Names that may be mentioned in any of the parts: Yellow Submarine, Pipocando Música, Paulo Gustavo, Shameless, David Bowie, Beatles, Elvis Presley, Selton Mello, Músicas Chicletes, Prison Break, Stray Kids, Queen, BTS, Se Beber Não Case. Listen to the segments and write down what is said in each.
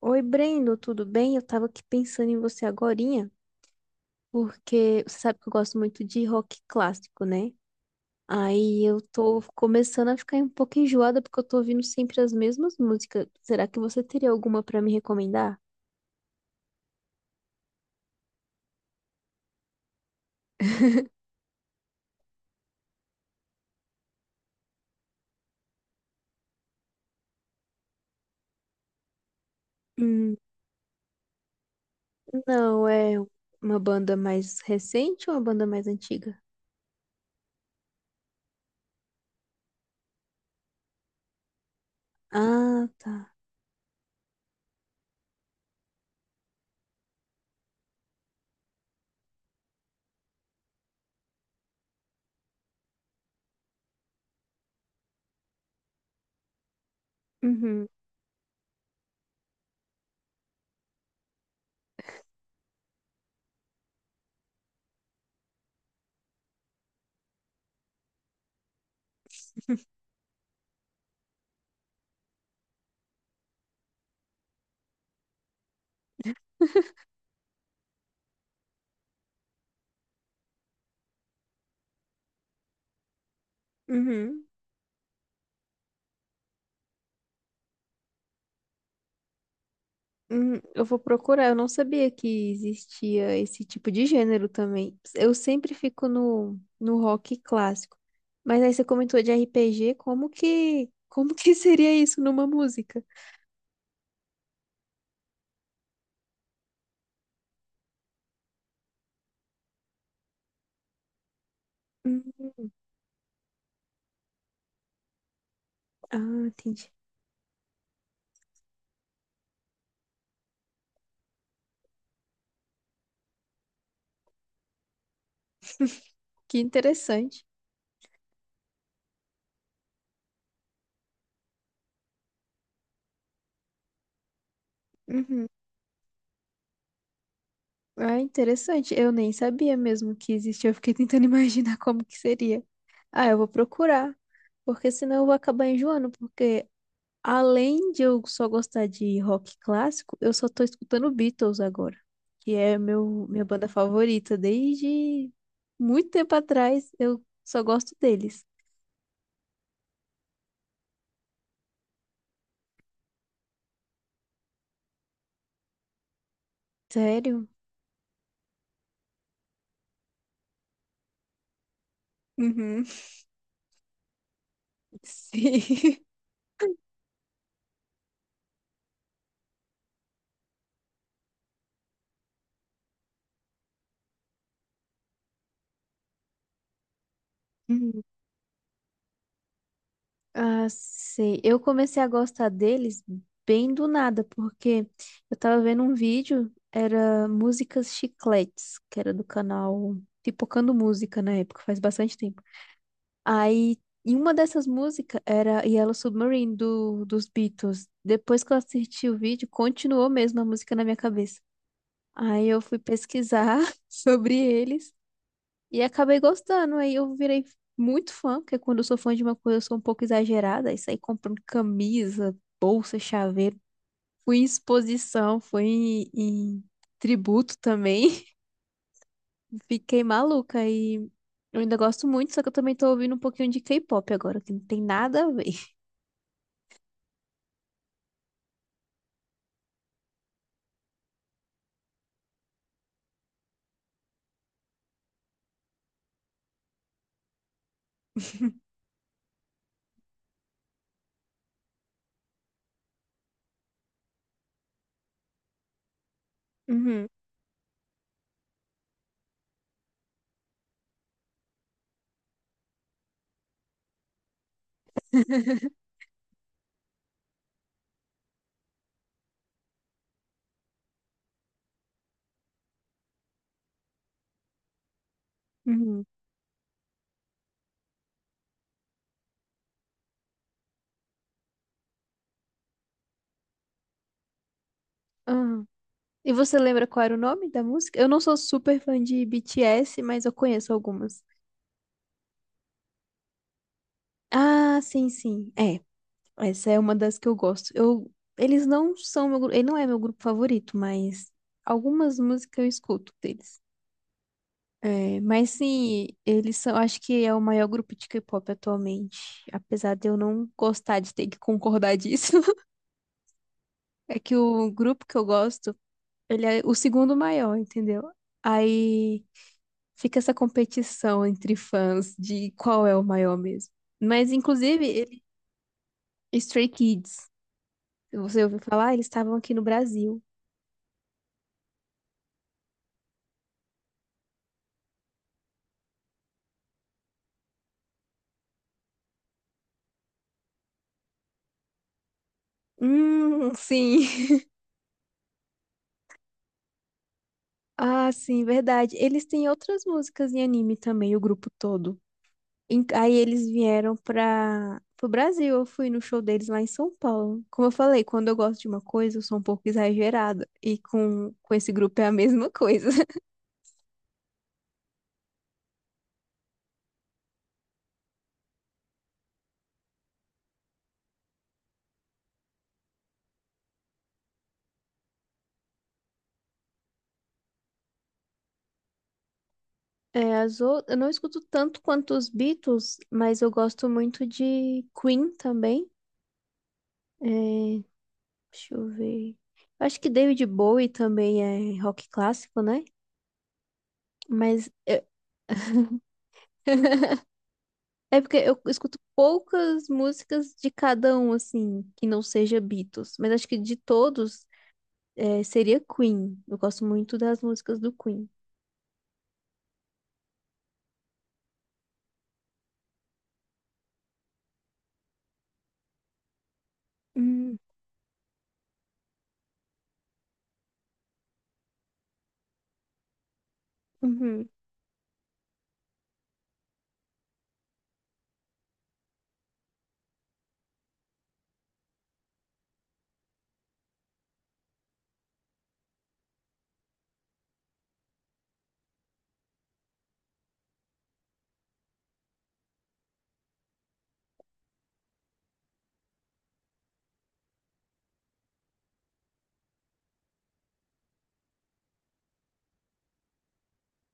Oi, Brendo, tudo bem? Eu tava aqui pensando em você agorinha, porque você sabe que eu gosto muito de rock clássico, né? Aí eu tô começando a ficar um pouco enjoada porque eu tô ouvindo sempre as mesmas músicas. Será que você teria alguma pra me recomendar? Hum, não, é uma banda mais recente ou uma banda mais antiga? Ah, tá. Uhum, uhum. Eu vou procurar. Eu não sabia que existia esse tipo de gênero também. Eu sempre fico no rock clássico. Mas aí você comentou de RPG, como que seria isso numa música? Hum, ah, entendi. Que interessante. Uhum. Ah, interessante. Eu nem sabia mesmo que existia. Eu fiquei tentando imaginar como que seria. Ah, eu vou procurar. Porque senão eu vou acabar enjoando, porque além de eu só gostar de rock clássico, eu só tô escutando Beatles agora, que é minha banda favorita desde muito tempo atrás. Eu só gosto deles. Sério? Uhum. Sim. Hum. Ah, sei. Eu comecei a gostar deles bem do nada, porque eu tava vendo um vídeo, era Músicas Chicletes, que era do canal Pipocando Música na época, faz bastante tempo. Aí, em uma dessas músicas era Yellow Submarine dos Beatles. Depois que eu assisti o vídeo, continuou mesmo a música na minha cabeça. Aí eu fui pesquisar sobre eles e acabei gostando. Aí eu virei muito fã, porque quando eu sou fã de uma coisa, eu sou um pouco exagerada. Aí saí comprando camisa, bolsa, chaveiro. Fui em exposição, fui em tributo também. Fiquei maluca e eu ainda gosto muito, só que eu também tô ouvindo um pouquinho de K-pop agora, que não tem nada a ver. Uhum. Uhum. Ah, e você lembra qual era o nome da música? Eu não sou super fã de BTS, mas eu conheço algumas. Ah, sim, sim. É, essa é uma das que eu gosto. Eles não são ele não é meu grupo favorito, mas algumas músicas eu escuto deles. É, mas sim, eles são, acho que é o maior grupo de K-pop atualmente, apesar de eu não gostar de ter que concordar disso. É que o grupo que eu gosto, ele é o segundo maior, entendeu? Aí fica essa competição entre fãs de qual é o maior mesmo. Mas, inclusive, ele... Stray Kids, se você ouviu falar, eles estavam aqui no Brasil. Sim. Ah, sim, verdade. Eles têm outras músicas em anime também, o grupo todo. Aí eles vieram para o Brasil. Eu fui no show deles lá em São Paulo. Como eu falei, quando eu gosto de uma coisa, eu sou um pouco exagerada. E com esse grupo é a mesma coisa. É, eu não escuto tanto quanto os Beatles, mas eu gosto muito de Queen também. É, deixa eu ver. Eu acho que David Bowie também é rock clássico, né? Mas eu- É porque eu escuto poucas músicas de cada um, assim, que não seja Beatles. Mas acho que de todos, seria Queen. Eu gosto muito das músicas do Queen. Hum, uhum,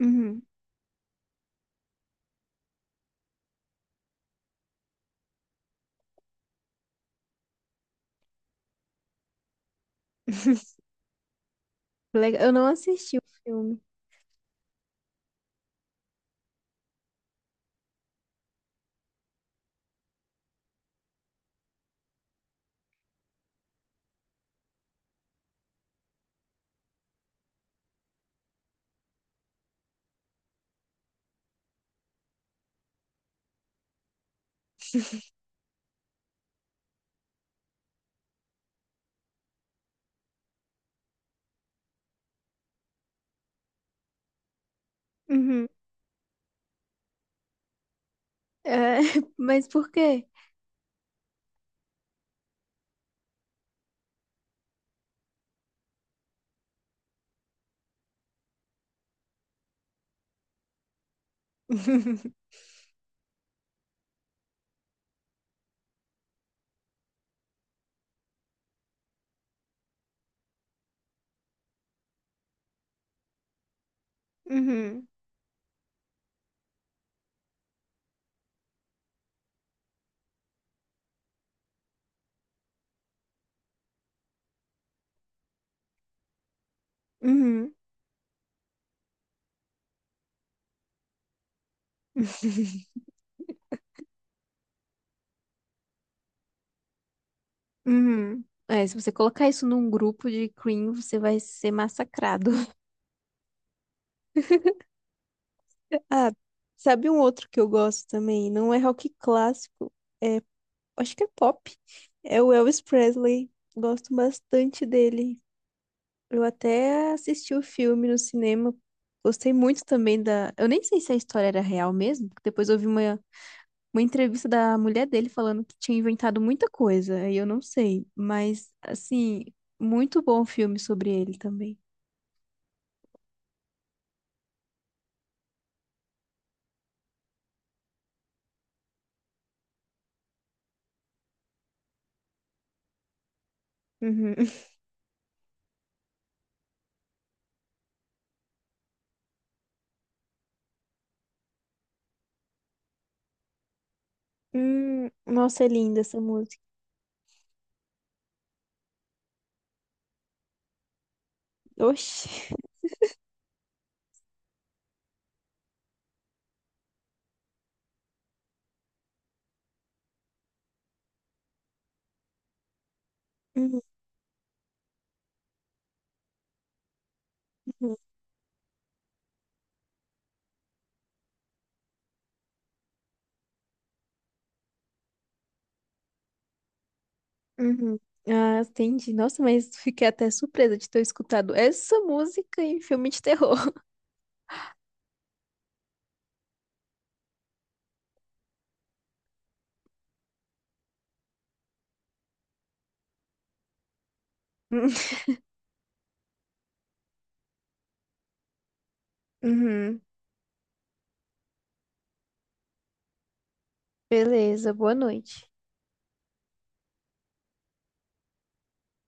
uhum. Legal. Eu não assisti o filme. Uhum. É, mas por quê? Uhum, uhum, uhum. É, se você colocar isso num grupo de cream, você vai ser massacrado. Ah, sabe um outro que eu gosto também? Não é rock clássico, é, acho que é pop. É o Elvis Presley. Gosto bastante dele. Eu até assisti o filme no cinema. Gostei muito também da. Eu nem sei se a história era real mesmo, porque depois eu vi uma entrevista da mulher dele falando que tinha inventado muita coisa, aí eu não sei, mas assim, muito bom filme sobre ele também. Uhum. Nossa, é linda essa música. Oxi. Uhum, uhum. Ah, entendi. Nossa, mas fiquei até surpresa de ter escutado essa música em filme de terror. Uhum. Beleza, boa noite.